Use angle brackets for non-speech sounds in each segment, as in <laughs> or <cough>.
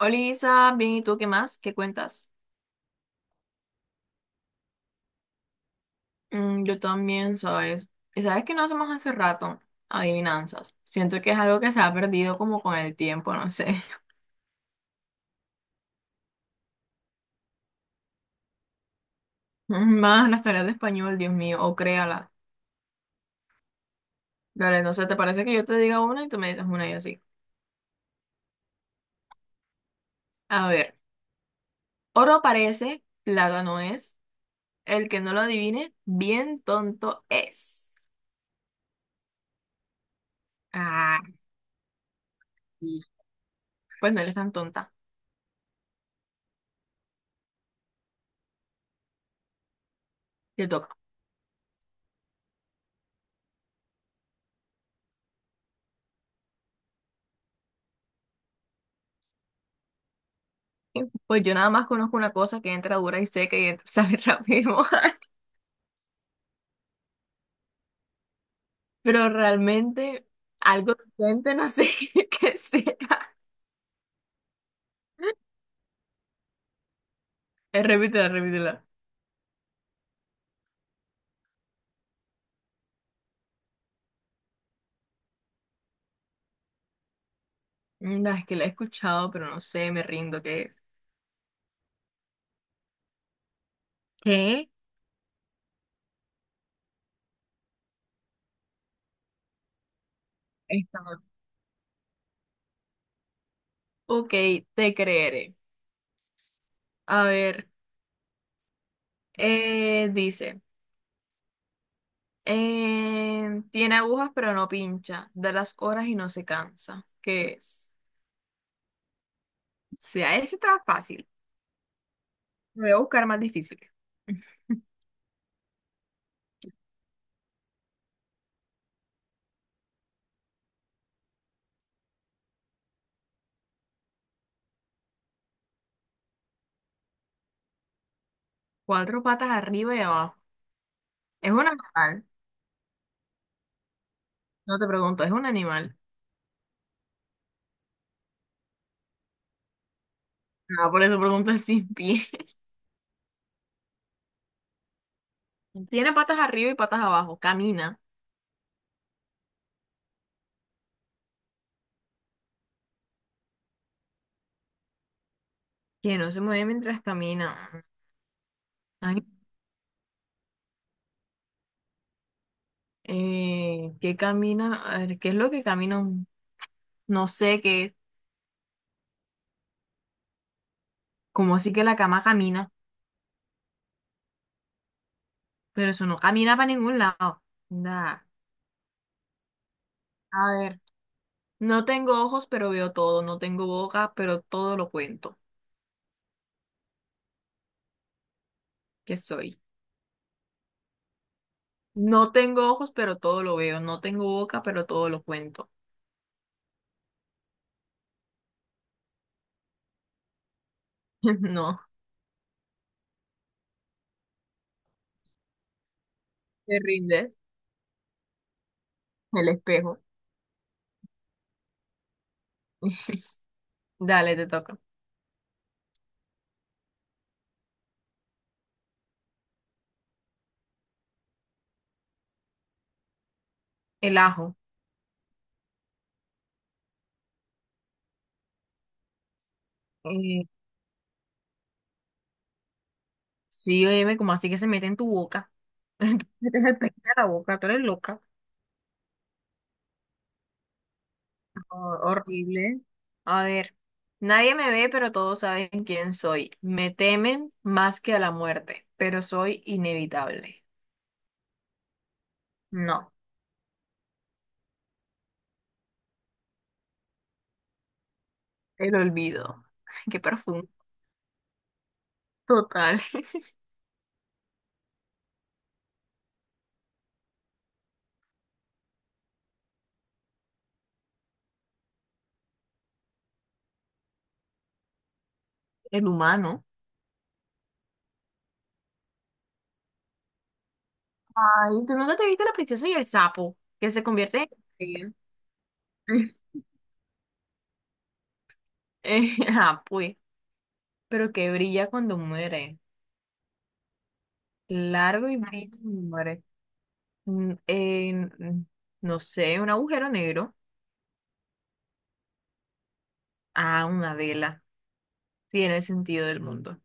Hola Isa, bien, ¿y tú qué más? ¿Qué cuentas? Mm, yo también, ¿sabes? Y sabes que no hacemos hace rato adivinanzas. Siento que es algo que se ha perdido como con el tiempo, no sé. <laughs> Más las tareas de español, Dios mío, o créala. Dale, no sé, ¿te parece que yo te diga una y tú me dices una y así? A ver, oro parece, plata no es. El que no lo adivine, bien tonto es. Ah, sí. Pues no eres tan tonta. Te toca. Pues yo nada más conozco una cosa que entra dura y seca y sale rápido. <laughs> Pero realmente algo decente, no sé <laughs> qué sea. Repítela, repítela. No, es que la he escuchado, pero no sé, me rindo, ¿qué es? ¿Qué? Esta, no. Ok, te creeré. A ver, dice, tiene agujas pero no pincha, da las horas y no se cansa. ¿Qué es? Sea, ese está fácil. Voy a buscar más difícil. <laughs> Cuatro patas arriba y abajo. Es un animal. No te pregunto, es un animal. Ah, por eso pregunto el sin pie. <laughs> Tiene patas arriba y patas abajo. Camina. Que no se mueve mientras camina. Ay, ¿qué camina? A ver, ¿qué es lo que camina? No sé qué es. Como así que la cama camina. Pero eso no camina para ningún lado. Nada. A ver. No tengo ojos, pero veo todo. No tengo boca, pero todo lo cuento. ¿Qué soy? No tengo ojos, pero todo lo veo. No tengo boca, pero todo lo cuento. <laughs> No. ¿Te rindes? El espejo. <laughs> Dale, te toca. El ajo. Eh, sí, oye, como así que se mete en tu boca. <laughs> Entonces metes el pez a la boca, tú eres loca. Horrible. A ver, nadie me ve, pero todos saben quién soy. Me temen más que a la muerte, pero soy inevitable. No, el olvido. <laughs> Qué profundo. Total. <laughs> El humano. Ay, ¿tú nunca te viste la princesa y el sapo? Que se convierte en estrella. <laughs> Ah, pues, pero que brilla cuando muere. Largo y brilla cuando muere. Mm, en, mm, no sé, un agujero negro. Ah, una vela. Tiene el sentido del mundo.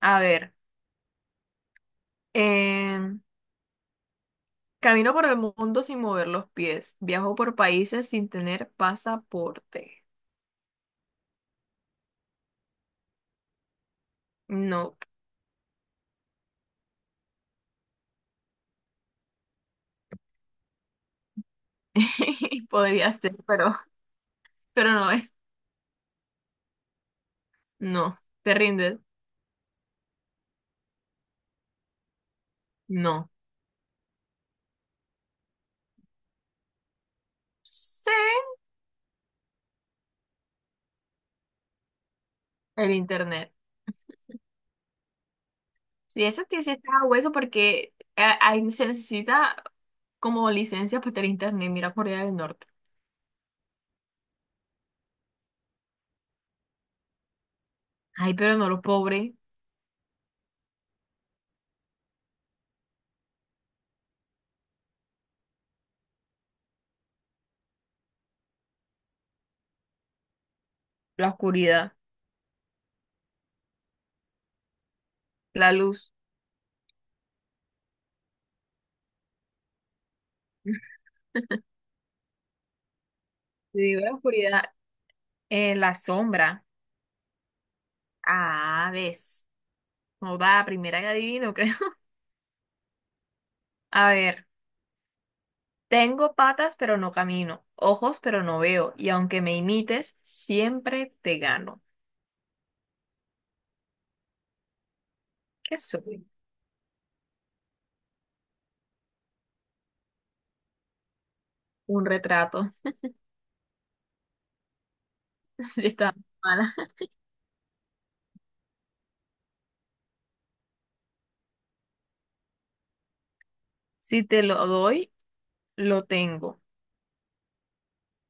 A ver, em, camino por el mundo sin mover los pies. Viajo por países sin tener pasaporte. No, <laughs> podría ser, pero no es. No, ¿te rindes? No. Sí, el internet. Si eso tiene sí está hueso porque ahí se necesita como licencia para tener internet. Mira Corea del Norte. Ay, pero no los pobres. La oscuridad, la luz. Te digo la oscuridad, la sombra. Ah, ves. No va, primera que adivino, creo. <laughs> A ver, tengo patas pero no camino, ojos pero no veo, y aunque me imites, siempre te gano. ¿Qué soy? Un retrato. <laughs> Si está mala. Si te lo doy, lo tengo.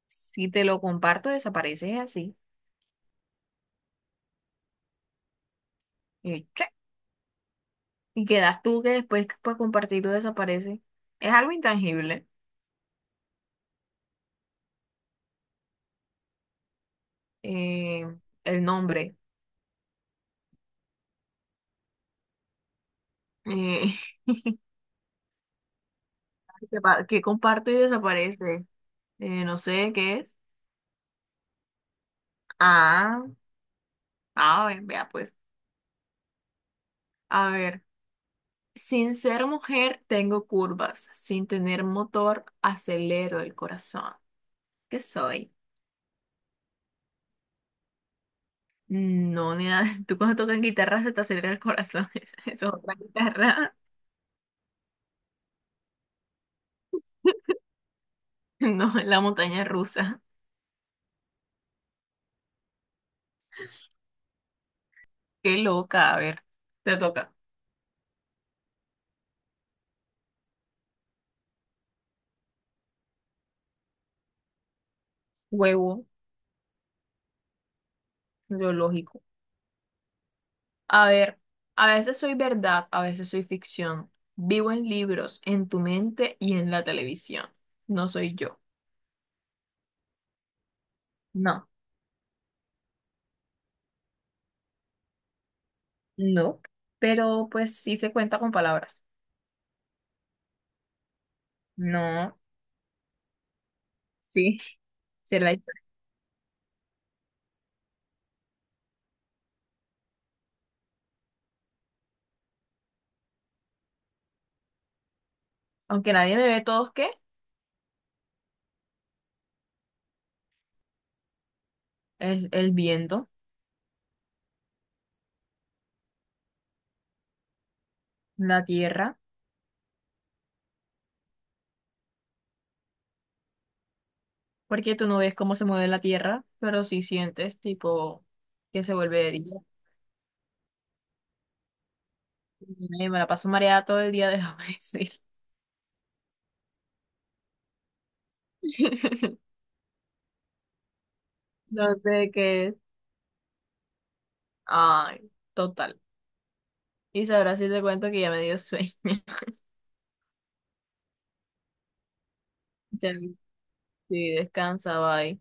Si te lo comparto, desapareces así. Y, che, y quedas tú que después que puedes compartirlo desaparece. Es algo intangible. Eh, el nombre. Eh, <laughs> que, que comparte y desaparece. No sé qué es. Ah, ah, vea pues. A ver. Sin ser mujer tengo curvas. Sin tener motor acelero el corazón. ¿Qué soy? No, ni nada. <laughs> Tú cuando tocas guitarra se te acelera el corazón. <laughs> Eso es otra guitarra. <laughs> No, es la montaña rusa. Qué loca. A ver, te toca. Huevo, biológico. A ver, a veces soy verdad, a veces soy ficción. Vivo en libros, en tu mente y en la televisión. No soy yo. No, no, pero pues sí se cuenta con palabras. No, sí, <laughs> será la historia. Aunque nadie me ve todos, ¿qué? Es el viento, la tierra, porque tú no ves cómo se mueve la tierra, pero sí sientes tipo que se vuelve de día. Y me la paso mareada todo el día, déjame decir. <laughs> No sé qué es. Ay, total. Y sabrás si te cuento que ya me dio sueño. <laughs> Ya, sí, descansa, bye.